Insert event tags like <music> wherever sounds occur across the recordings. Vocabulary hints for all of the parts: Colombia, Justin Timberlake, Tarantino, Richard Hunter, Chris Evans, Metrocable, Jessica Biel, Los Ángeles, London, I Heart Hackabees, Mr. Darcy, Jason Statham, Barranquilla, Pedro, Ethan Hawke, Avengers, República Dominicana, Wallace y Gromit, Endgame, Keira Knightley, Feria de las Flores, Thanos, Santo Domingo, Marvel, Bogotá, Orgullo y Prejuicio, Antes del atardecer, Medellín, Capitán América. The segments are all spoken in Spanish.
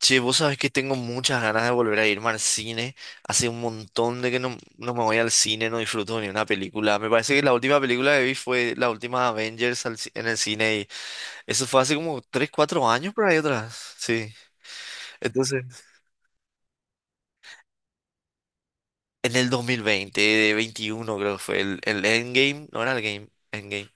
Che, vos sabés que tengo muchas ganas de volver a irme al cine. Hace un montón de que no me voy al cine, no disfruto ni una película. Me parece que la última película que vi fue la última Avengers en el cine y eso fue hace como 3 4 años por ahí atrás. Sí. Entonces, en el 2020, de 21 creo que fue el Endgame, no era el Game, Endgame.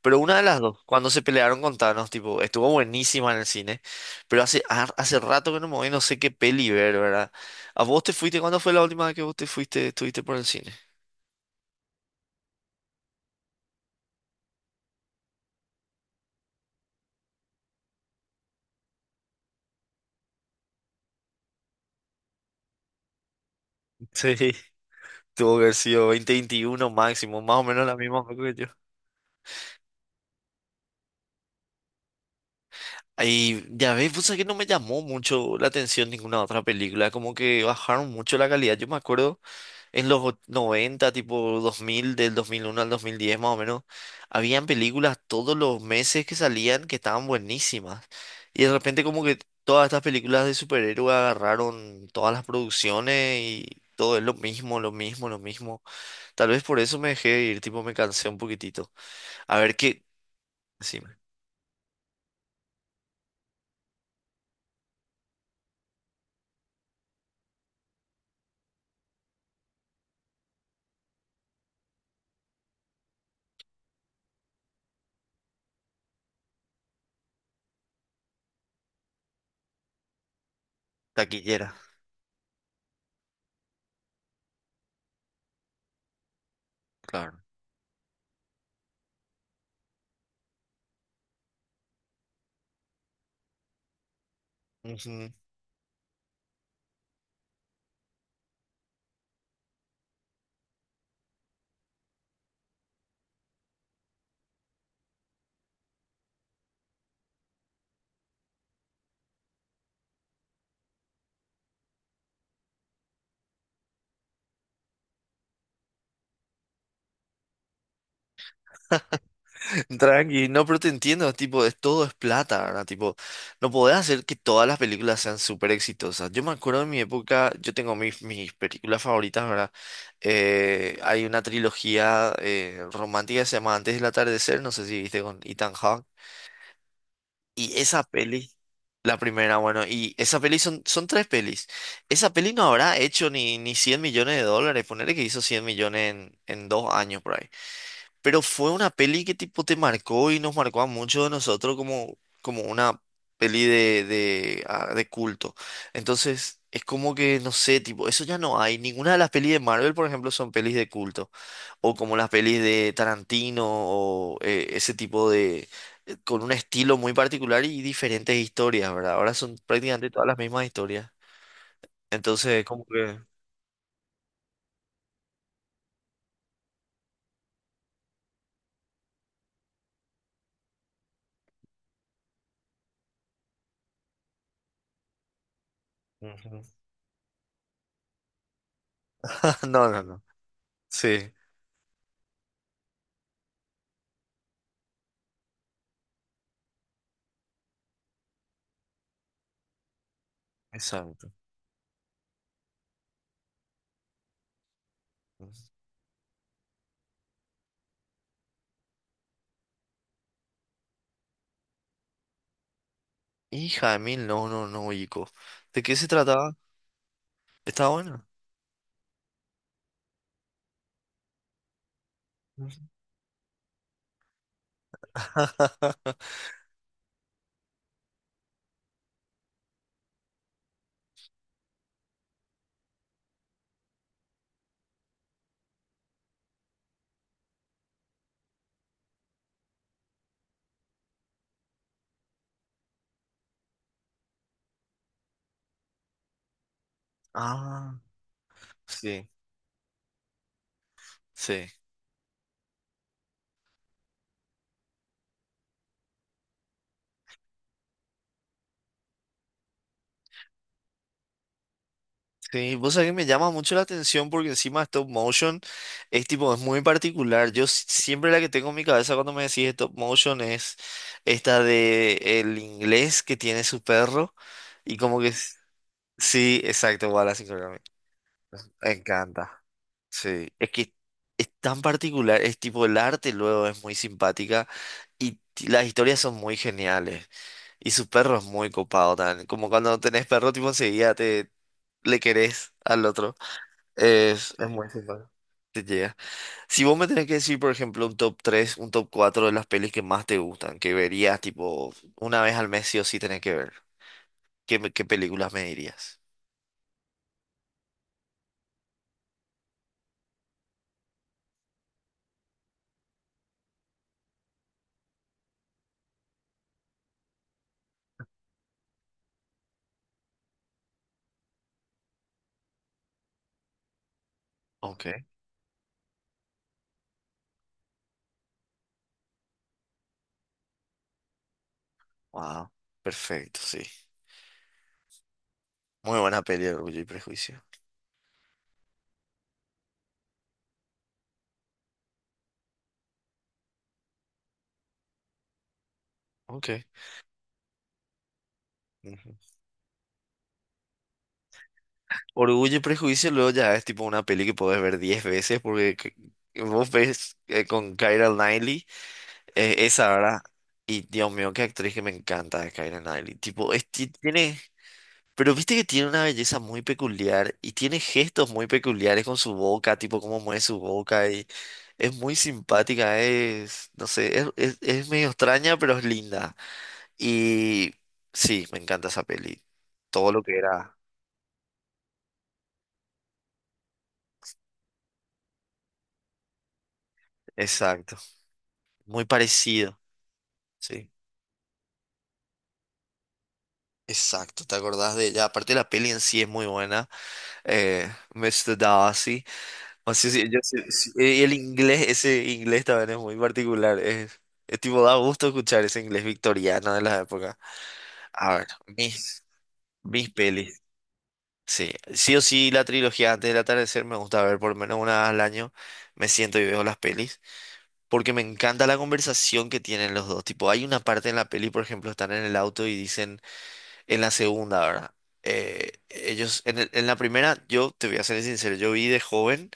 Pero una de las dos, cuando se pelearon con Thanos, tipo, estuvo buenísima en el cine, pero hace rato que no me voy, no sé qué peli ver, ¿verdad? ¿A vos te fuiste? ¿Cuándo fue la última vez que vos te fuiste, estuviste por el cine? Sí. Tuvo que haber sido 2021 máximo, más o menos la misma época que yo. Ahí, ya ves, pues que no me llamó mucho la atención ninguna otra película, como que bajaron mucho la calidad. Yo me acuerdo. En los 90, tipo 2000 del 2001 al 2010 más o menos, habían películas todos los meses que salían que estaban buenísimas. Y de repente como que todas estas películas de superhéroes agarraron todas las producciones y todo es lo mismo, lo mismo, lo mismo. Tal vez por eso me dejé de ir, tipo me cansé un poquitito. A ver qué. Sí, taquillera. Claro. Ujú. Tranqui, no, pero te entiendo, tipo, todo es plata, ¿verdad? Tipo, no podés hacer que todas las películas sean súper exitosas. Yo me acuerdo de mi época, yo tengo mis películas favoritas, ¿verdad? Hay una trilogía romántica que se llama Antes del atardecer, no sé si viste con Ethan Hawke. Y esa peli, la primera, bueno, y esa peli son tres pelis. Esa peli no habrá hecho ni 100 millones de dólares, ponerle que hizo 100 millones en 2 años por ahí. Pero fue una peli que tipo te marcó y nos marcó a muchos de nosotros como una peli de culto. Entonces, es como que, no sé, tipo, eso ya no hay. Ninguna de las pelis de Marvel, por ejemplo, son pelis de culto. O como las pelis de Tarantino o ese tipo de, con un estilo muy particular y diferentes historias, ¿verdad? Ahora son prácticamente todas las mismas historias. Entonces, como que. Ujú. <laughs> No, no, no. Sí, exacto. Hija de mil, no, no, no, Ico. ¿De qué se trataba? ¿Estaba buena? <laughs> Ah, sí, sí. Sí, vos sabés que me llama mucho la atención porque encima stop motion es tipo, es muy particular. Yo siempre la que tengo en mi cabeza cuando me decís stop motion es esta de el inglés que tiene su perro y como que sí, exacto, Wallace y Gromit. Me encanta. Sí, es que es tan particular, es tipo el arte luego es muy simpática y las historias son muy geniales y su perro es muy copado también, como cuando tenés perro tipo enseguida te le querés al otro, es, sí, muy simpático, te llega. Si vos me tenés que decir, por ejemplo, un top 3, un top 4 de las pelis que más te gustan, que verías tipo una vez al mes sí o sí tenés que ver, ¿qué, qué películas me dirías? Ok. Wow, perfecto, sí. Muy buena peli, Orgullo y Prejuicio. Ok. Ujú. Orgullo y Prejuicio luego ya es tipo una peli que podés ver 10 veces porque vos ves con Keira Knightley esa, ¿verdad? Y Dios mío, qué actriz que me encanta es Keira Knightley. Tipo, es tiene. Pero viste que tiene una belleza muy peculiar y tiene gestos muy peculiares con su boca, tipo cómo mueve su boca y es muy simpática, es, no sé, es medio extraña pero es linda. Y sí, me encanta esa peli. Todo lo que era. Exacto. Muy parecido, sí. Exacto, ¿te acordás de ella? Aparte la peli en sí es muy buena, eh, Mr. Darcy. O sea, sí, yo sí, y el inglés, ese inglés también es muy particular. Es tipo, da gusto escuchar ese inglés victoriano de la época. A ver, mis, mis pelis. Sí, sí o sí la trilogía antes del atardecer me gusta ver por lo menos una vez al año. Me siento y veo las pelis. Porque me encanta la conversación que tienen los dos. Tipo, hay una parte en la peli, por ejemplo, están en el auto y dicen. En la segunda, ¿verdad? Ellos, en la primera, yo te voy a ser sincero, yo vi de joven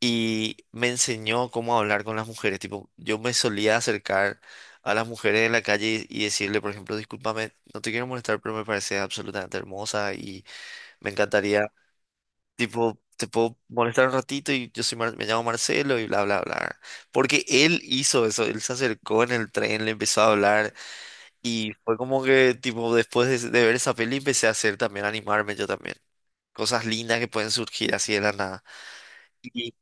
y me enseñó cómo hablar con las mujeres. Tipo, yo me solía acercar a las mujeres en la calle y decirle, por ejemplo, discúlpame, no te quiero molestar, pero me parece absolutamente hermosa y me encantaría, tipo, te puedo molestar un ratito y yo soy me llamo Marcelo y bla, bla, bla. Porque él hizo eso, él se acercó en el tren, le empezó a hablar y fue como que, tipo, después de ver esa peli empecé a hacer también, a animarme yo también. Cosas lindas que pueden surgir así de la nada. Y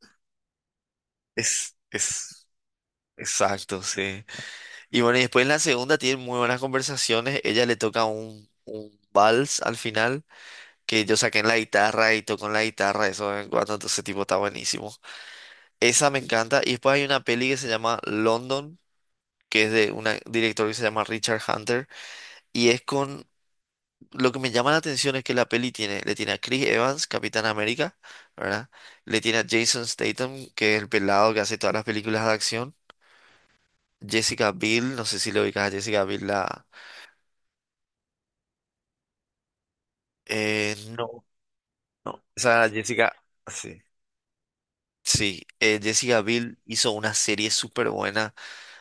es, es, exacto, sí. Y bueno, y después en la segunda tienen muy buenas conversaciones. Ella le toca un vals al final, que yo saqué en la guitarra y toco en la guitarra, eso de vez en cuando, entonces tipo está buenísimo. Esa me encanta. Y después hay una peli que se llama London, que es de un director que se llama Richard Hunter, y es con Lo que me llama la atención es que la peli tiene, le tiene a Chris Evans, Capitán América, ¿verdad? Le tiene a Jason Statham, que es el pelado que hace todas las películas de acción. Jessica Biel, no sé si lo ubicas a Jessica Biel, la. No, no. Esa Jessica. Sí. Sí, Jessica Biel hizo una serie súper buena,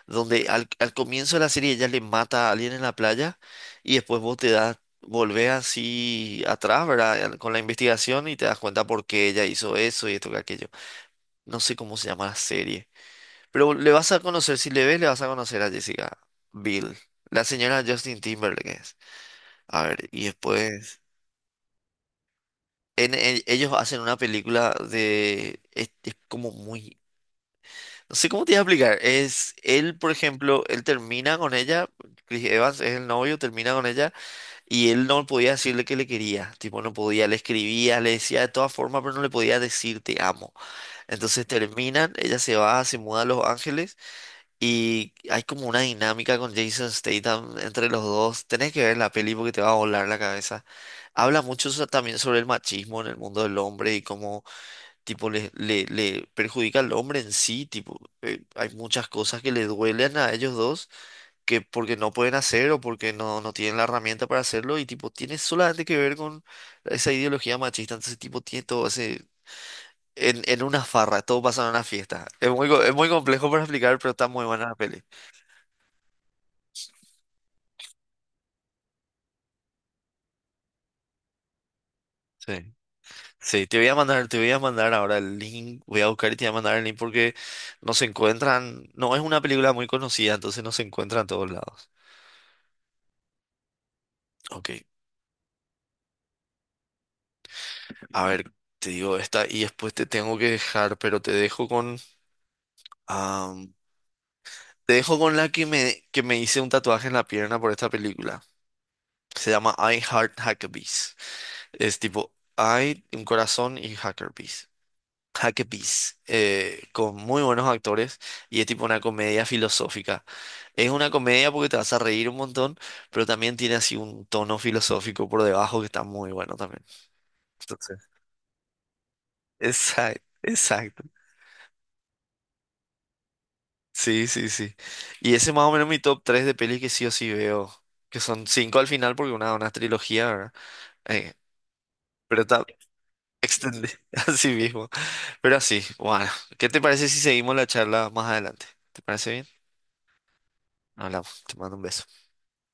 donde al comienzo de la serie ella le mata a alguien en la playa y después vos te das, volvés así atrás, ¿verdad? Con la investigación y te das cuenta por qué ella hizo eso y esto que aquello. No sé cómo se llama la serie. Pero le vas a conocer, si le ves, le vas a conocer a Jessica Biel. La señora Justin Timberlake es. A ver, y después. Ellos hacen una película de. Es como muy. No sé cómo te voy a explicar. Es él, por ejemplo, él termina con ella. Chris Evans es el novio, termina con ella. Y él no podía decirle que le quería. Tipo, no podía. Le escribía, le decía de todas formas, pero no le podía decir te amo. Entonces terminan, ella se va, se muda a Los Ángeles. Y hay como una dinámica con Jason Statham entre los dos. Tenés que ver la peli porque te va a volar la cabeza. Habla mucho también sobre el machismo en el mundo del hombre y cómo tipo le perjudica al hombre en sí. Tipo, hay muchas cosas que le duelen a ellos dos que porque no pueden hacer o porque no tienen la herramienta para hacerlo. Y tipo, tiene solamente que ver con esa ideología machista. Entonces, tipo, tiene todo ese. En una farra, todo pasa en una fiesta. Es muy complejo para explicar, pero está muy buena la peli. Sí. Sí, te voy a mandar ahora el link, voy a buscar y te voy a mandar el link porque no se encuentran, no es una película muy conocida, entonces no se encuentra en todos lados. Ok, a ver, te digo esta y después te tengo que dejar, pero am, te dejo con la que que me hice un tatuaje en la pierna por esta película. Se llama I Heart Hackabees. Es tipo I, un corazón y Hackerbees. Hackabees, con muy buenos actores y es tipo una comedia filosófica. Es una comedia porque te vas a reír un montón, pero también tiene así un tono filosófico por debajo que está muy bueno también. Entonces, exacto, exacto. Sí, sí, sí. Y ese es más o menos mi top 3 de pelis que sí o sí veo, que son 5 al final porque una trilogía, ¿verdad? Eh, pero está extendida <laughs> así mismo. Pero así, bueno, ¿qué te parece si seguimos la charla más adelante? ¿Te parece bien? Hablamos, te mando un beso.